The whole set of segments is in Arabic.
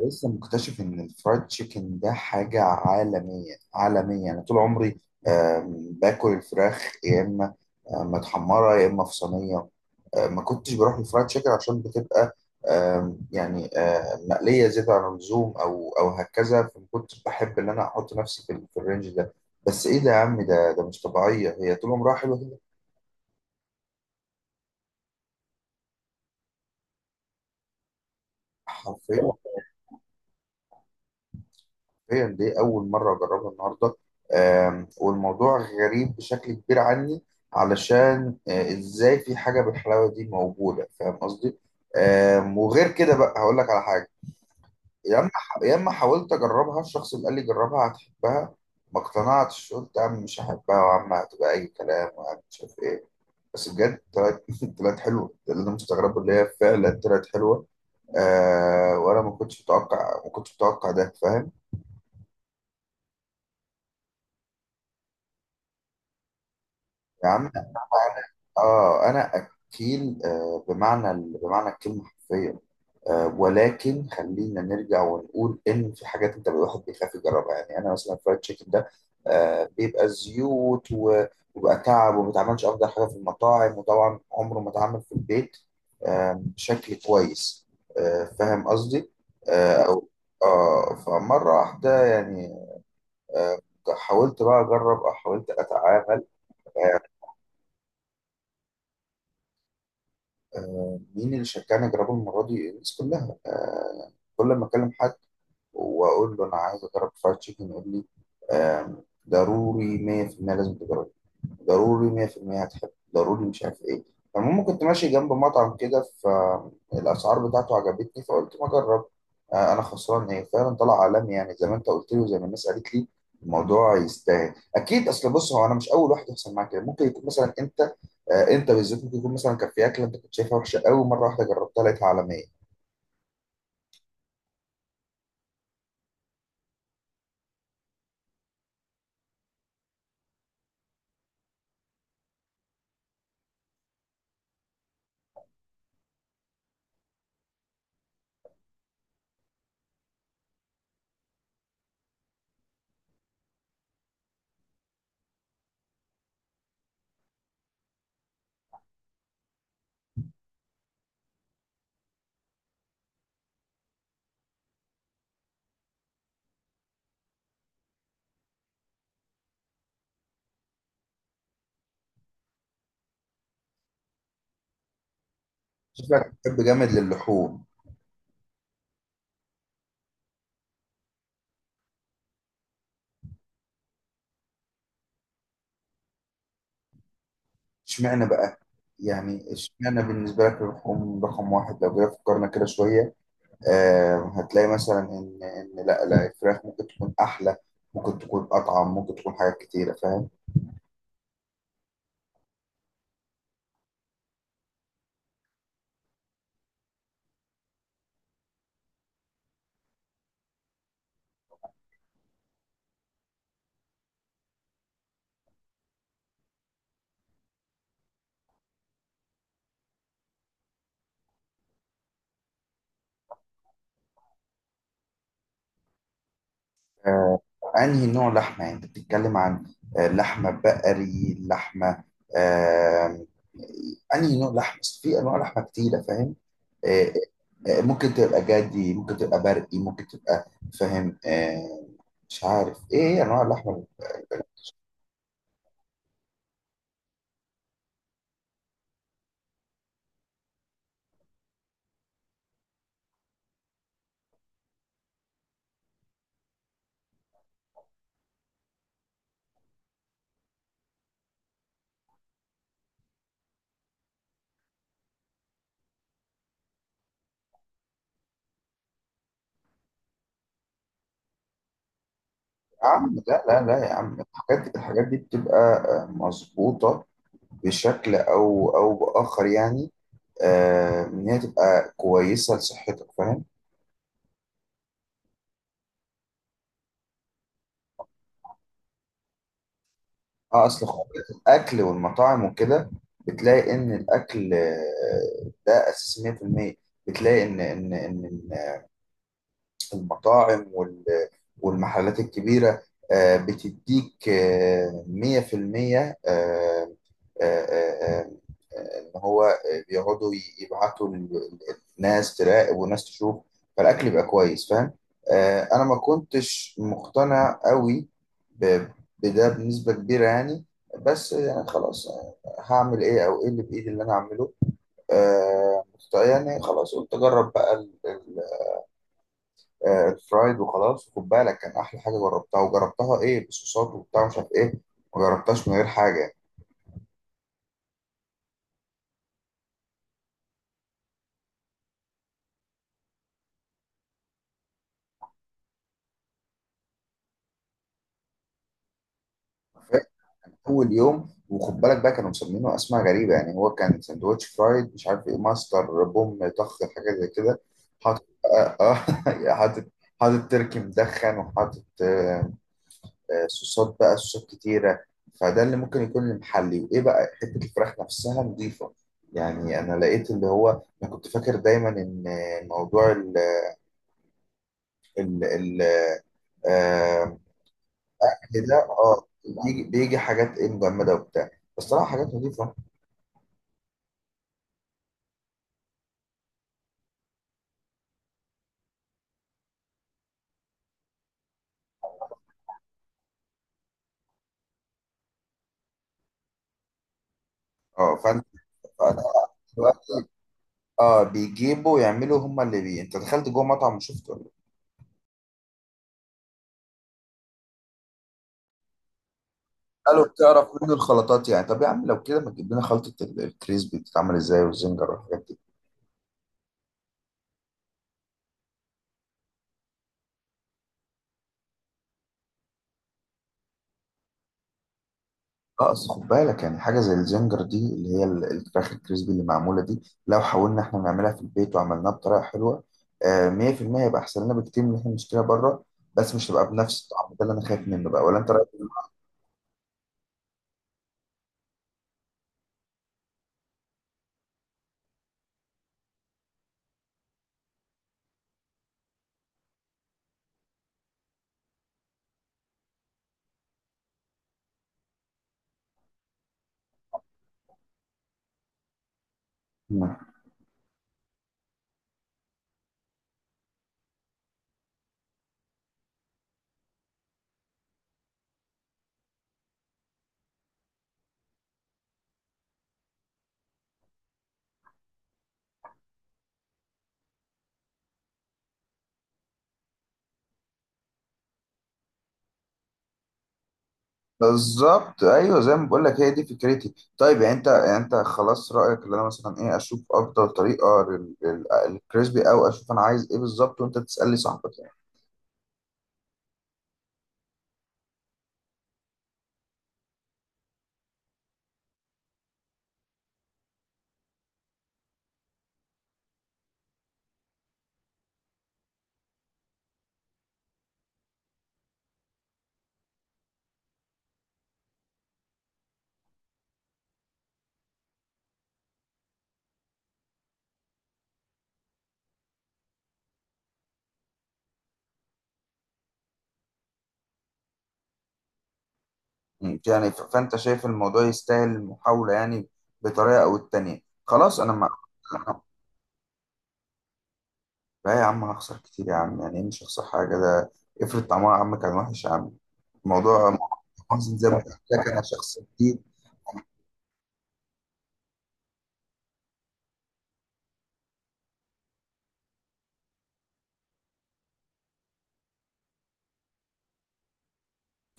لسه مكتشف ان الفرايد تشيكن ده حاجه عالميه عالميه، انا طول عمري باكل الفراخ، يا اما متحمره، يا اما في صينيه. ما كنتش بروح للفرايد تشيكن عشان بتبقى آم، يعني آم، مقليه زياده عن اللزوم او هكذا، فما كنتش بحب ان انا احط نفسي في في الرينج ده. بس ايه ده يا عم، ده مش طبيعيه، هي طول عمرها حلوه كده. حرفيا. حرفيا دي اول مره اجربها النهارده. والموضوع غريب بشكل كبير عني، علشان ازاي في حاجه بالحلاوه دي موجوده؟ فاهم قصدي؟ وغير كده بقى هقول لك على حاجه. يا اما يا اما حاولت اجربها، الشخص اللي قال لي جربها هتحبها، ما اقتنعتش، قلت يا عم مش هحبها، وعم هتبقى اي كلام، وعم مش عارف ايه. بس بجد طلعت طلعت حلوه. ده اللي انا مستغربه، اللي هي فعلا طلعت حلوه. آه، وانا ما كنتش متوقع ده فاهم. يا عم انا... اه، انا اكيل، بمعنى بمعنى الكلمه، حرفيا. آه، ولكن خلينا نرجع ونقول ان في حاجات انت الواحد بيخاف يجربها، يعني انا مثلا الفرايد تشيكن ده بيبقى زيوت وبيبقى تعب، وما بيتعملش افضل حاجه في المطاعم، وطبعا عمره ما اتعمل في البيت بشكل كويس. فاهم قصدي؟ آه أو- فمره واحده يعني. آه. حاولت بقى اجرب، او حاولت اتعامل. مين اللي شجعني اجربه المره دي؟ الناس كلها. كل ما اكلم حد واقول له انا عايز اجرب فرايد تشيكن، يقول لي آه، ضروري، 100% لازم تجرب، ضروري 100% هتحب، ضروري مش عارف ايه. فالمهم كنت ماشي جنب مطعم كده، فالاسعار بتاعته عجبتني، فقلت ما اجرب انا خسران ايه؟ فعلا طلع عالمي يعني، زي ما انت قلت لي وزي ما الناس قالت لي، الموضوع يستاهل اكيد. اصل بص، هو انا مش اول واحد يحصل معاك كده، ممكن يكون مثلا انت انت بالذات، ممكن يكون مثلا كان في اكله انت كنت شايفها وحشه قوي، مره واحده جربتها لقيتها عالميه. شكلك بتحب جامد للحوم. اشمعنى بقى؟ يعني اشمعنى بالنسبه لك اللحوم رقم واحد؟ لو جينا فكرنا كده شويه هتلاقي مثلا ان لا لا الفراخ ممكن تكون احلى، ممكن تكون اطعم، ممكن تكون حاجات كتيره فاهم. آه، انهي نوع لحمه يعني؟ انت بتتكلم عن لحمه بقري، لحمه آه، انهي نوع لحمه؟ أصل في انواع لحمه كتيره فاهم. آه، ممكن تبقى جدي، ممكن تبقى برقي، ممكن تبقى فاهم مش عارف ايه انواع اللحمه. يا عم لا لا لا يا عم، الحاجات دي بتبقى مظبوطه بشكل او باخر يعني. ان هي تبقى كويسه لصحتك فاهم. اه، اصل خروجات الاكل والمطاعم وكده، بتلاقي ان الاكل ده اساس 100%. بتلاقي ان المطاعم والمحلات الكبيرة بتديك 100%، آه، آه، آه، ان هو بيقعدوا يبعتوا الناس تراقب وناس تشوف، فالاكل يبقى كويس فاهم. انا ما كنتش مقتنع قوي ب- بده بنسبه كبيره يعني. بس يعني خلاص هعمل ايه؟ او ايه اللي بايدي اللي انا اعمله؟ آه، يعني خلاص قلت اجرب بقى ال- الفرايد وخلاص. وخد بالك كان احلى حاجه جربتها، وجربتها ايه؟ بصوصات وبتاع مش عارف ايه، ما جربتهاش من غير حاجه. فاكر اول يوم، وخد بالك بقى، كانوا مسمينه اسماء غريبه يعني، هو كان سندوتش فرايد مش عارف ايه، ماستر بوم طخ حاجه زي كده. حاطط حاطط حاطط تركي مدخن، وحاطط صوصات بقى، صوصات كتيره. فده اللي ممكن يكون المحلي. وايه بقى؟ حته الفراخ نفسها نظيفه، يعني انا لقيت اللي هو انا كنت فاكر دايما ان موضوع ال آه كده، اه بيجي حاجات ايه مجمده وبتاع، بصراحه حاجات نظيفه. اه فانت... فأنا اه بيجيبوا يعملوا، هم اللي بي، انت دخلت جوه مطعم وشفت ولا إيه؟ قالوا بتعرف منه الخلطات يعني؟ طب يا عم لو كده، ما تجيب لنا خلطه الكريسبي بتتعمل ازاي، والزنجر والحاجات دي؟ لا اصل خد بالك، يعني حاجه زي الزنجر دي اللي هي الفراخ الكريسبي اللي معموله دي، لو حاولنا احنا نعملها في البيت وعملناها بطريقه حلوه 100% هيبقى احسن لنا بكتير من اللي احنا بنشتريها بره. بس مش هتبقى بنفس الطعم ده اللي انا خايف منه بقى، ولا انت رايك؟ مم. بالظبط، ايوه، زي ما بقول لك هي دي فكرتي. طيب يعني انت... يعني انت خلاص رايك اللي انا مثلا ايه؟ اشوف افضل طريقه للكريسبي، او اشوف انا عايز ايه بالظبط وانت تسالني صاحبك؟ مم. يعني فانت شايف الموضوع يستاهل المحاولة يعني، بطريقة او التانية. خلاص انا ما... لا يا عم، هخسر كتير يا عم، يعني إيه مش هخسر حاجة؟ ده افرض طعمها يا عم كان وحش، يا عم الموضوع محزن زي ما قلت لك، انا شخص جديد.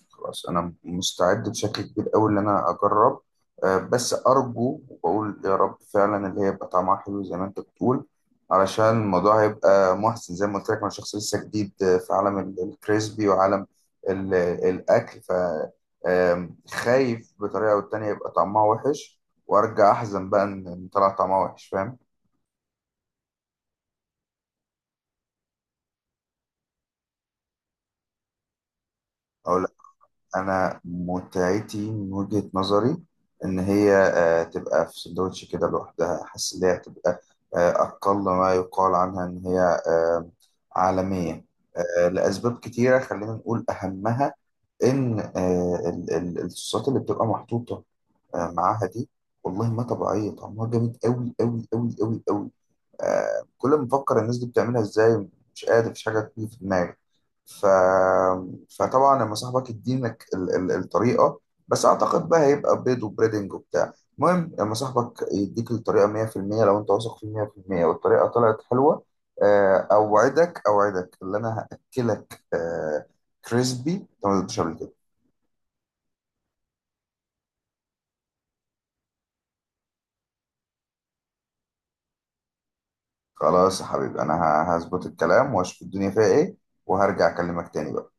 خلاص انا مستعد بشكل كبير قوي ان انا اجرب، بس ارجو وبقول يا رب فعلا اللي هي يبقى طعمها حلو زي ما انت بتقول، علشان الموضوع هيبقى محسن، زي ما قلت لك انا شخص لسه جديد في عالم الكريسبي وعالم الاكل. ف آم، خايف بطريقه او التانيه يبقى طعمها وحش، وارجع احزن بقى ان إن طلع طعمها وحش فاهم. أقول، انا متعتي من وجهة نظري ان هي تبقى في سندوتش كده لوحدها، حاسس ان هي هتبقى اقل ما يقال عنها ان هي آه، عالمية لاسباب كتيرة، خلينا نقول اهمها ان الصوصات اللي بتبقى محطوطة معاها دي والله ما طبيعية، طعمها جامد قوي قوي قوي قوي قوي. كل ما بفكر الناس دي بتعملها ازاي مش قادر، مفيش حاجه تيجي في دماغي. ف... فطبعا لما صاحبك يدينك الطريقه، بس اعتقد بقى هيبقى بيض وبريدنج وبتاع. المهم لما صاحبك يديك الطريقه 100%، لو انت واثق فيه 100% والطريقه طلعت حلوه اوعدك، اوعدك اللي انا هاكلك كريسبي انت ما دوتش قبل كده. خلاص يا حبيبي، انا هظبط الكلام واشوف الدنيا فيها ايه، وهرجع اكلمك تاني بقى.